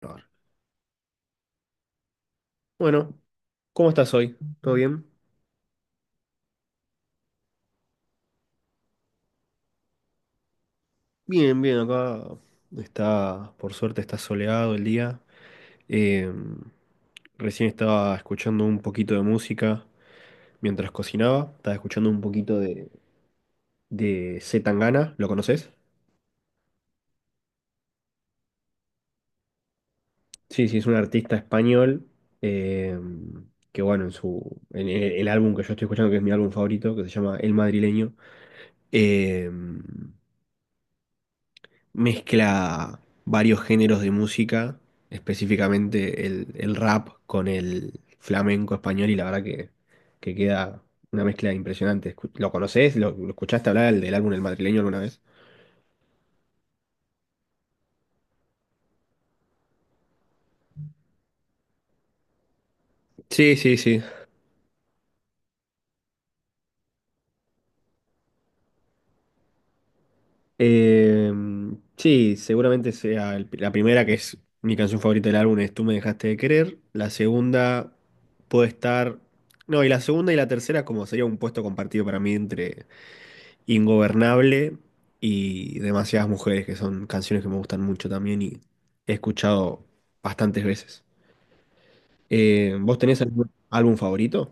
Grabar. Bueno, ¿cómo estás hoy? ¿Todo bien? Bien, bien, acá está, por suerte está soleado el día. Eh, Recién estaba escuchando un poquito de música mientras cocinaba, estaba escuchando un poquito de C. Tangana, ¿lo conoces? Sí, sí, es un artista español, eh, que bueno, en el álbum que yo estoy escuchando, que es mi álbum favorito, que se llama El Madrileño, eh, mezcla varios géneros de música, específicamente el rap con el flamenco español y la verdad que queda una mezcla impresionante. ¿Lo conoces? ¿Lo escuchaste hablar del álbum El Madrileño alguna vez? Sí, sí, sí. Eh, sí, seguramente sea la primera, que es mi canción favorita del álbum, es Tú me dejaste de querer. La segunda puede estar... No, y la segunda y la tercera como sería un puesto compartido para mí entre Ingobernable y Demasiadas Mujeres, que son canciones que me gustan mucho también y he escuchado bastantes veces. ¿Vos tenés algún álbum favorito?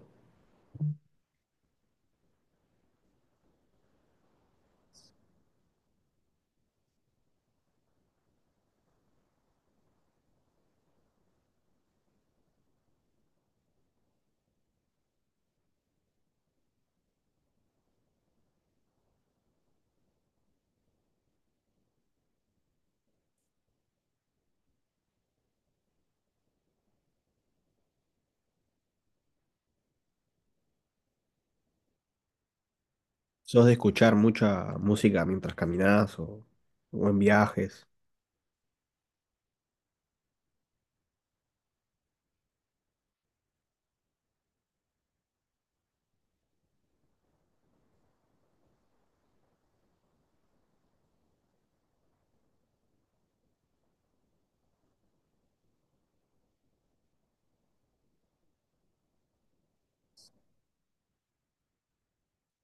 ¿Sos de escuchar mucha música mientras caminás o en viajes?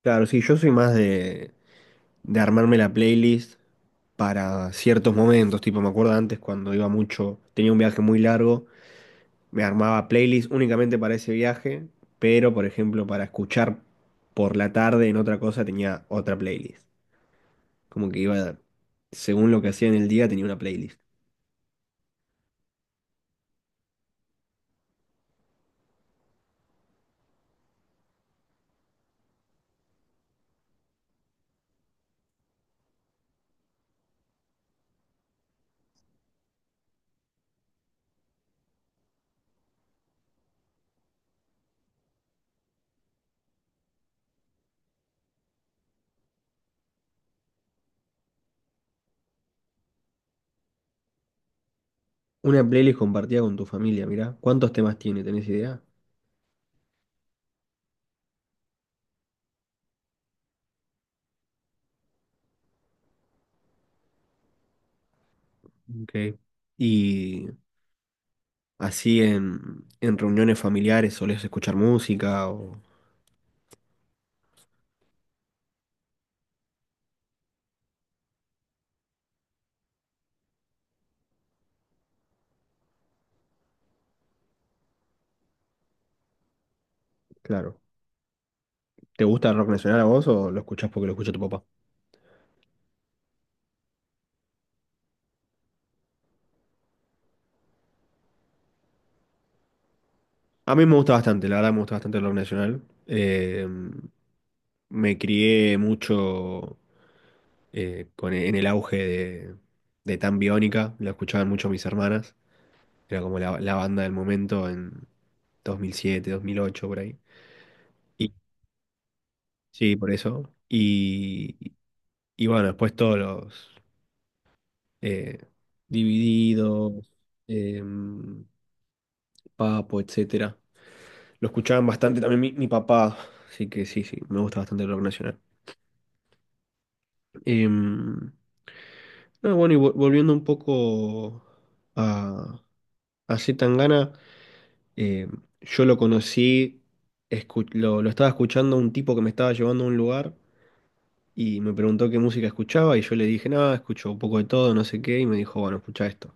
Claro, sí, yo soy más de armarme la playlist para ciertos momentos, tipo me acuerdo antes cuando iba mucho, tenía un viaje muy largo. Me armaba playlists únicamente para ese viaje, pero por ejemplo para escuchar por la tarde en otra cosa tenía otra playlist. Como que iba, según lo que hacía en el día, tenía una playlist. Una playlist compartida con tu familia, mirá. ¿Cuántos temas tiene? ¿Tenés idea? Ok. Y así en reuniones familiares solés escuchar música o... Claro. ¿Te gusta el rock nacional a vos o lo escuchás porque lo escucha tu papá? A mí me gusta bastante, la verdad me gusta bastante el rock nacional. Me crié mucho en el auge de Tan Biónica, la escuchaban mucho mis hermanas, era como la banda del momento en 2007, 2008, por ahí. Y sí, por eso. Y bueno, después todos los, eh, Divididos, em, Papo, etcétera. Lo escuchaban bastante también mi papá, así que sí, sí, me gusta bastante el rock nacional. Em, bueno, y volviendo un poco a, a C. Tangana, eh, yo lo conocí, lo estaba escuchando a un tipo que me estaba llevando a un lugar y me preguntó qué música escuchaba y yo le dije, nada, escucho un poco de todo, no sé qué, y me dijo, bueno, escucha esto.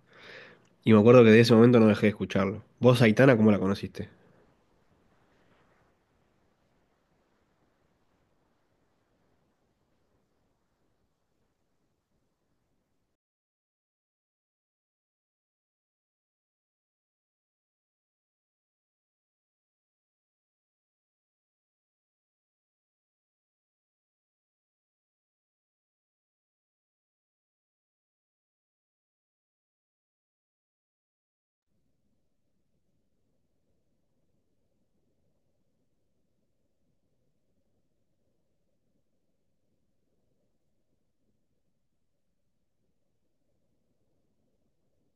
Y me acuerdo que de ese momento no dejé de escucharlo. ¿Vos, Aitana, cómo la conociste?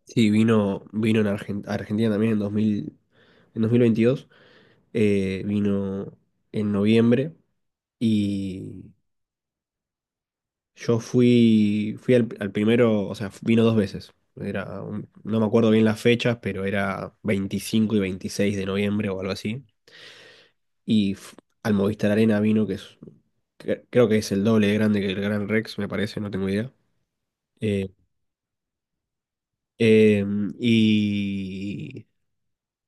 Sí, vino, vino en a Argentina también en dos mil veintidós, vino en noviembre, y yo fui, fui al primero, o sea, vino dos veces. Era no me acuerdo bien las fechas, pero era 25 y 26 de noviembre o algo así. Y f- Al Movistar Arena vino, que es, creo que es el doble de grande que el Gran Rex, me parece, no tengo idea. Eh, y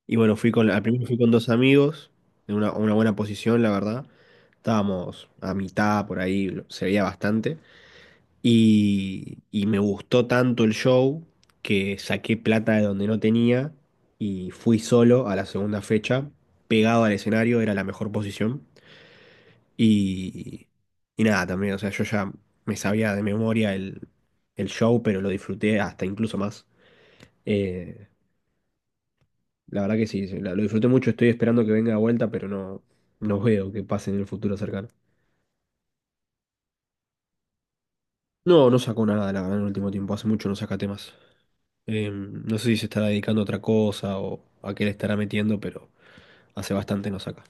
y bueno, fui con, al primero fui con dos amigos, en una buena posición, la verdad. Estábamos a mitad por ahí, se veía bastante. Y me gustó tanto el show que saqué plata de donde no tenía y fui solo a la segunda fecha, pegado al escenario, era la mejor posición. Y, y nada, también, o sea, yo ya me sabía de memoria el show, pero lo disfruté hasta incluso más. Eh, la verdad que sí, sí, lo disfruté mucho, estoy esperando que venga de vuelta, pero no, no veo que pase en el futuro cercano. No, no sacó nada, la verdad, en el último tiempo, hace mucho no saca temas. No sé si se estará dedicando a otra cosa o a qué le estará metiendo, pero hace bastante no saca.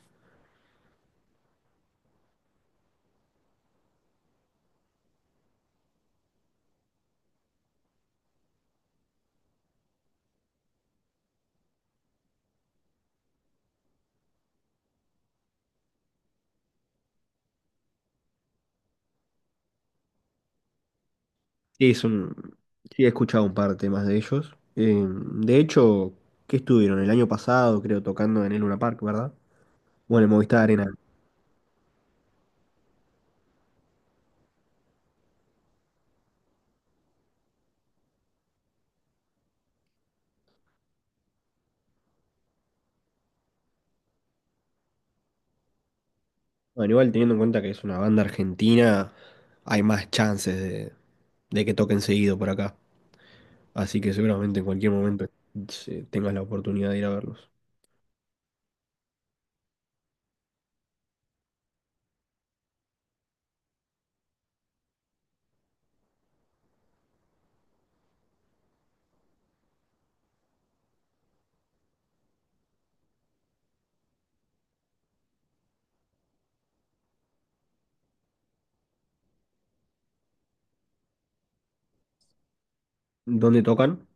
Sí, es un... sí, he escuchado un par de temas de ellos. De hecho, ¿qué estuvieron? El año pasado, creo, tocando en el Luna Park, ¿verdad? Bueno, en Movistar Arena. Bueno, igual teniendo en cuenta que es una banda argentina, hay más chances de que toquen seguido por acá. Así que seguramente en cualquier momento, tengas la oportunidad de ir a verlos. ¿Dónde tocan?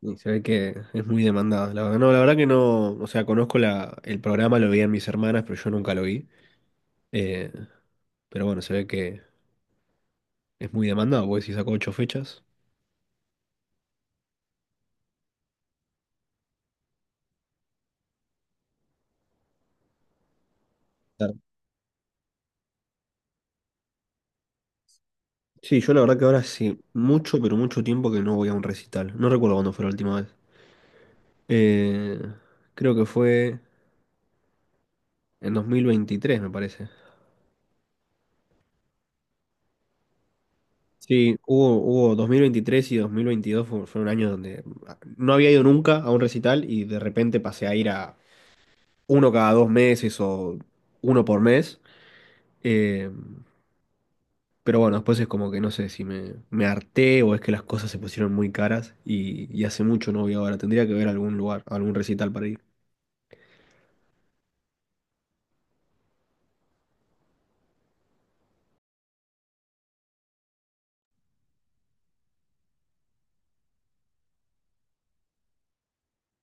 Y se ve que es muy demandada. La verdad, no, la verdad que no, o sea, conozco el programa, lo veían mis hermanas, pero yo nunca lo vi. Eh, pero bueno, se ve que es muy demandado, porque si sacó 8 fechas. Claro. Sí, yo la verdad que ahora sí, mucho, pero mucho tiempo que no voy a un recital. No recuerdo cuándo fue la última vez. Eh, Creo que fue en 2023, me parece. Sí, hubo 2023 y 2022 fue, fue un año donde ah, no había ido nunca a un recital y de repente pasé a ir a uno cada 2 meses o uno por mes. Eh, pero bueno, después es como que no sé si me harté o es que las cosas se pusieron muy caras y hace mucho no voy ahora. Tendría que ver algún lugar, algún recital para ir.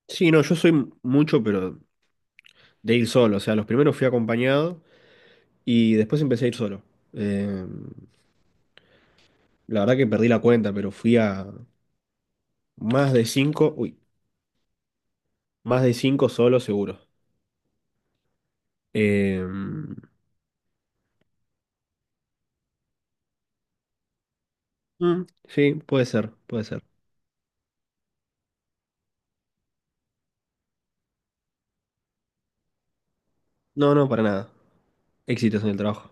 Sí, no, yo soy mucho, pero de ir solo. O sea, los primeros fui acompañado y después empecé a ir solo. Eh, la verdad que perdí la cuenta, pero fui a más de 5, uy, más de 5 solo seguro. Eh, sí, puede ser, puede ser. No, no, para nada. Éxitos en el trabajo.